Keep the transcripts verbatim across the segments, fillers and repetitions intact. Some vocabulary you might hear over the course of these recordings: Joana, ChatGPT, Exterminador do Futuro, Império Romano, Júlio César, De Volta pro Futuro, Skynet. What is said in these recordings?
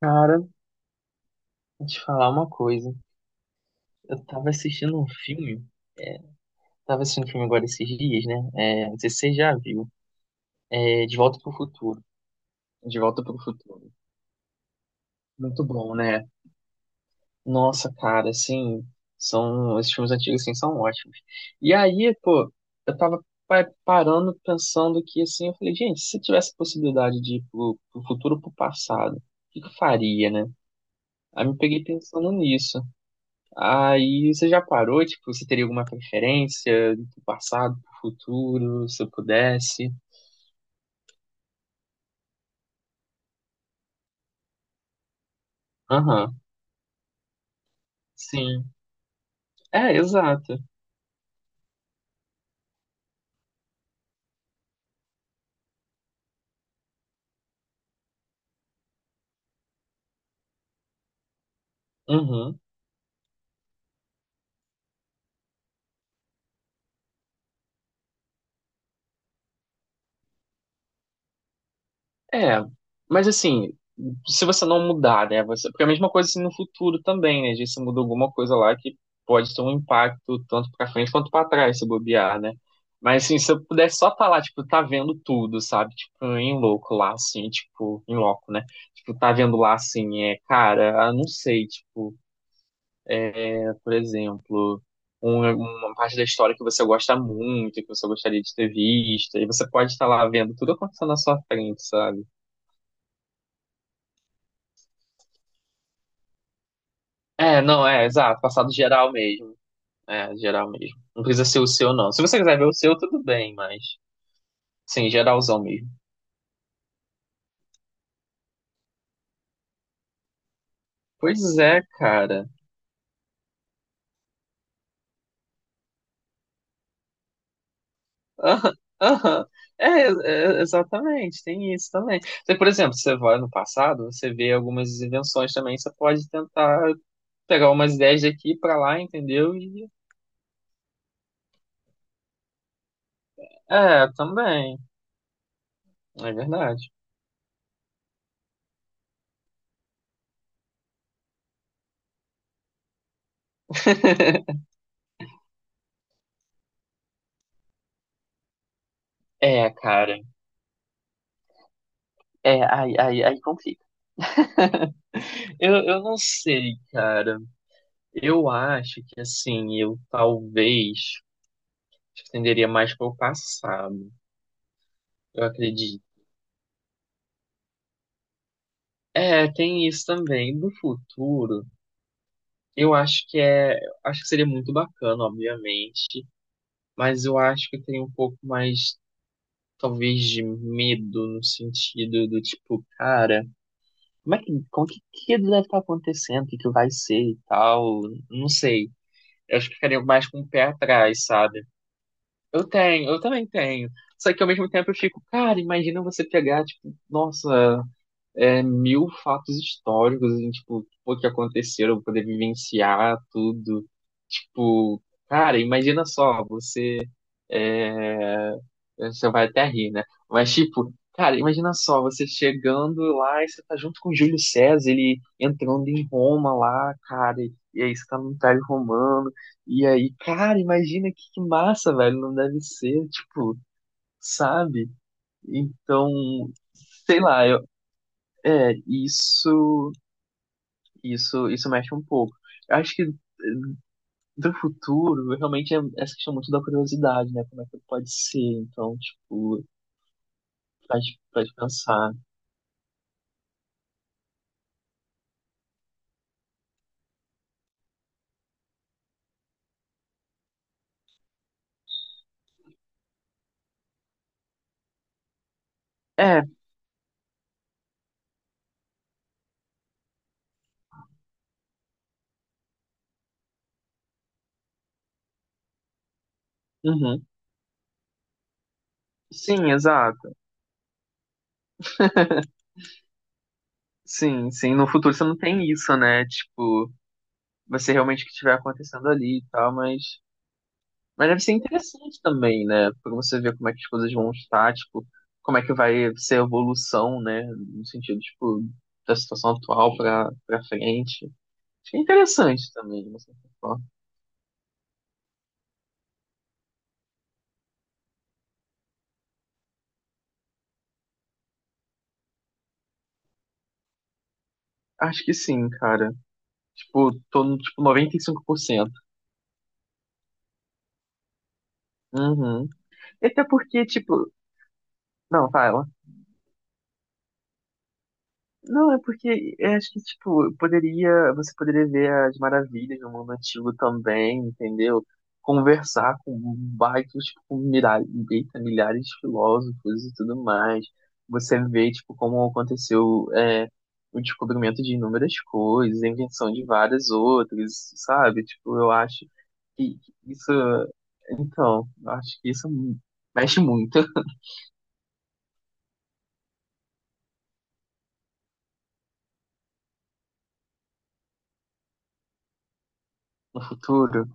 Cara, vou te falar uma coisa. Eu tava assistindo um filme, é, tava assistindo um filme agora esses dias, né? É, não sei se você já viu. É, De Volta pro Futuro. De Volta pro Futuro. Muito bom, né? Nossa, cara, assim, são, esses filmes antigos, assim, são ótimos. E aí, pô, eu tava pa- parando, pensando que, assim, eu falei, gente, se tivesse possibilidade de ir pro, pro futuro ou pro passado, o que que eu faria, né? Aí me peguei pensando nisso. Aí você já parou? Tipo, você teria alguma preferência do passado, pro futuro, se eu pudesse? Aham, sim. É, exato. Uhum. É, mas assim, se você não mudar, né? Você... Porque é a mesma coisa assim no futuro também, né? Se você muda alguma coisa lá que pode ter um impacto tanto pra frente quanto pra trás, se bobear, né? Mas assim, se eu pudesse só estar lá, tipo, tá vendo tudo, sabe? Tipo, em louco lá, assim, tipo, em loco, né? Tipo, tá vendo lá, assim, é, cara, ah, não sei, tipo. Por exemplo, um- uma parte da história que você gosta muito, que você gostaria de ter visto, e você pode estar lá vendo tudo acontecendo na sua frente, sabe? É, não, é, exato, passado geral mesmo. É, geral mesmo. Não precisa ser o seu, não. Se você quiser ver o seu, tudo bem, mas sim, geralzão mesmo. Pois é, cara. Aham, aham. É, é, exatamente, tem isso também. Você, por exemplo, você vai no passado, você vê algumas invenções também, você pode tentar pegar umas ideias daqui pra lá, entendeu? E é, também. É verdade. É, cara. É, aí, aí, aí complica. Eu, eu não sei, cara. Eu acho que, assim, eu talvez tenderia mais para o passado, eu acredito. É, tem isso também. Do futuro, eu acho que é. Acho que seria muito bacana, obviamente. Mas eu acho que tem um pouco mais, talvez, de medo no sentido do tipo, cara. Como é que, com que, que deve estar acontecendo, o que, que vai ser e tal, não sei. Eu acho que ficaria mais com o pé atrás, sabe? Eu tenho, eu também tenho. Só que ao mesmo tempo eu fico, cara, imagina você pegar, tipo, nossa, é, mil fatos históricos, e, tipo, o que aconteceram, poder vivenciar tudo. Tipo, cara, imagina só, você... Você vai até rir, né? Mas, tipo, cara, imagina só, você chegando lá e você tá junto com Júlio César, ele entrando em Roma lá, cara, e, e aí você tá no Império Romano, e aí, cara, imagina que, que massa, velho, não deve ser, tipo, sabe? Então, sei lá, eu, é, isso, isso, isso mexe um pouco. Eu acho que do futuro, realmente, é essa questão muito da curiosidade, né? Como é que pode ser, então, tipo, faz, faz pensar. É, uhum. Sim, exato. Sim, sim. No futuro você não tem isso, né? Tipo, vai ser realmente o que estiver acontecendo ali e tal, mas, mas deve ser interessante também, né? Pra você ver como é que as coisas vão estar, tipo, como é que vai ser a evolução, né? No sentido, tipo, da situação atual pra, pra frente. Acho que é interessante também, de uma certa forma. Acho que sim, cara. Tipo, tô no, tipo, noventa e cinco por cento. Uhum. E até porque, tipo... Não, fala. Não, é porque eu acho que, tipo, poderia, você poderia ver as maravilhas do mundo antigo também, entendeu? Conversar com vários, tipo, com milhares, eita, milhares de filósofos e tudo mais. Você vê, tipo, como aconteceu, é, o descobrimento de inúmeras coisas, a invenção de várias outras, sabe? Tipo, eu acho que isso, então, eu acho que isso mexe muito no futuro.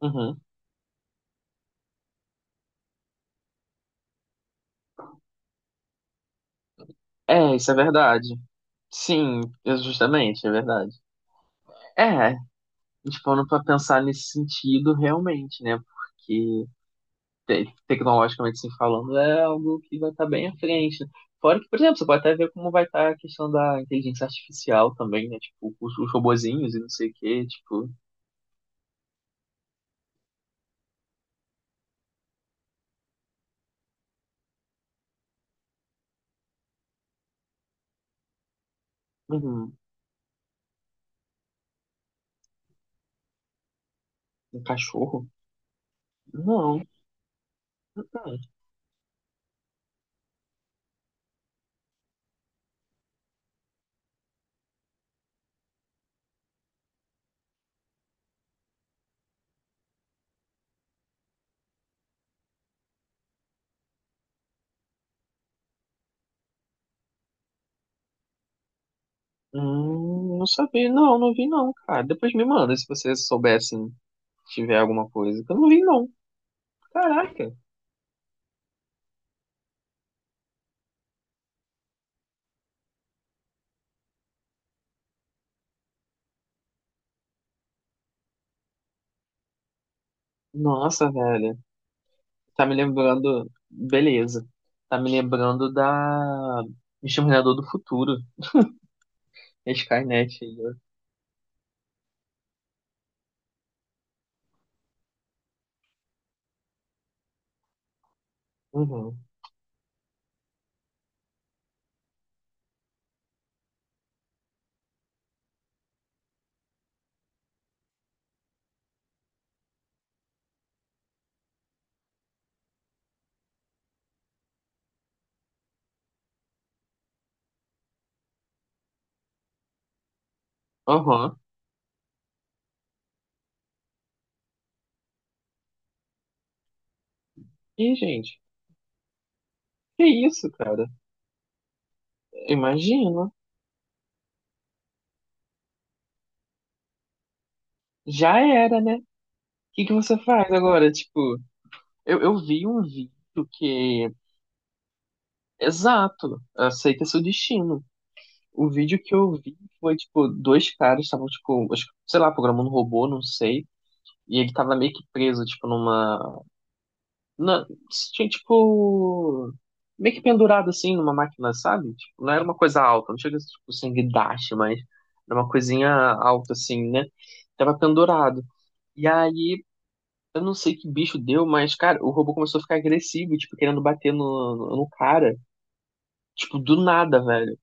Uhum. É, isso é verdade. Sim, é justamente, é verdade. É, tipo, parando pra pensar nesse sentido realmente, né? Porque te- tecnologicamente se falando é algo que vai estar bem à frente. Né? Fora que, por exemplo, você pode até ver como vai estar a questão da inteligência artificial também, né? Tipo, os, os robozinhos e não sei o quê, tipo, um, um cachorro. Não, cara. Hum, não sabia, não, não vi não, cara. Depois me manda se você souber, assim, tiver alguma coisa. Que eu não vi não. Caraca. Nossa, velho. Tá me lembrando. Beleza. Tá me lembrando da Exterminador do Futuro. A Skynet aí, ó. Uhum. Aham. Ih, gente. Que isso, cara? Imagina. Já era, né? O que que você faz agora? Tipo, eu, eu vi um vídeo que. Exato. Aceita seu destino. O vídeo que eu vi foi, tipo, dois caras estavam, tipo, acho que, sei lá, programando um robô, não sei. E ele tava meio que preso, tipo, numa na- tinha tipo meio que pendurado assim numa máquina, sabe? Tipo, não era uma coisa alta, não chega a ser, tipo sanguidache, mas era uma coisinha alta assim, né? Tava pendurado. E aí, eu não sei que bicho deu, mas cara, o robô começou a ficar agressivo, tipo, querendo bater no, no no cara, tipo, do nada, velho.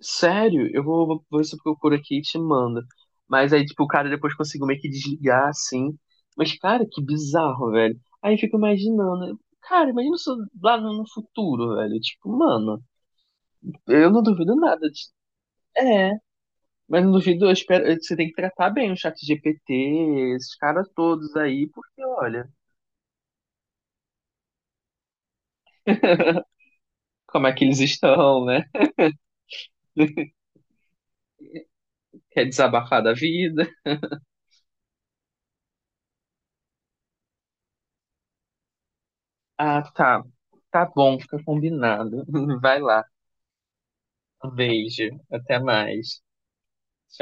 Sério, eu vou, vou ver se eu procuro aqui e te mando. Mas aí, tipo, o cara depois conseguiu meio que desligar, assim. Mas, cara, que bizarro, velho. Aí eu fico imaginando. Cara, imagina isso lá no, no futuro, velho. Tipo, mano, eu não duvido nada. De- é, mas não duvido, eu espero. Você tem que tratar bem o chat G P T, esses caras todos aí, porque, olha, como é que eles estão, né? Quer desabafar da vida? Ah, tá. Tá bom, fica combinado. Vai lá. Um beijo. Até mais.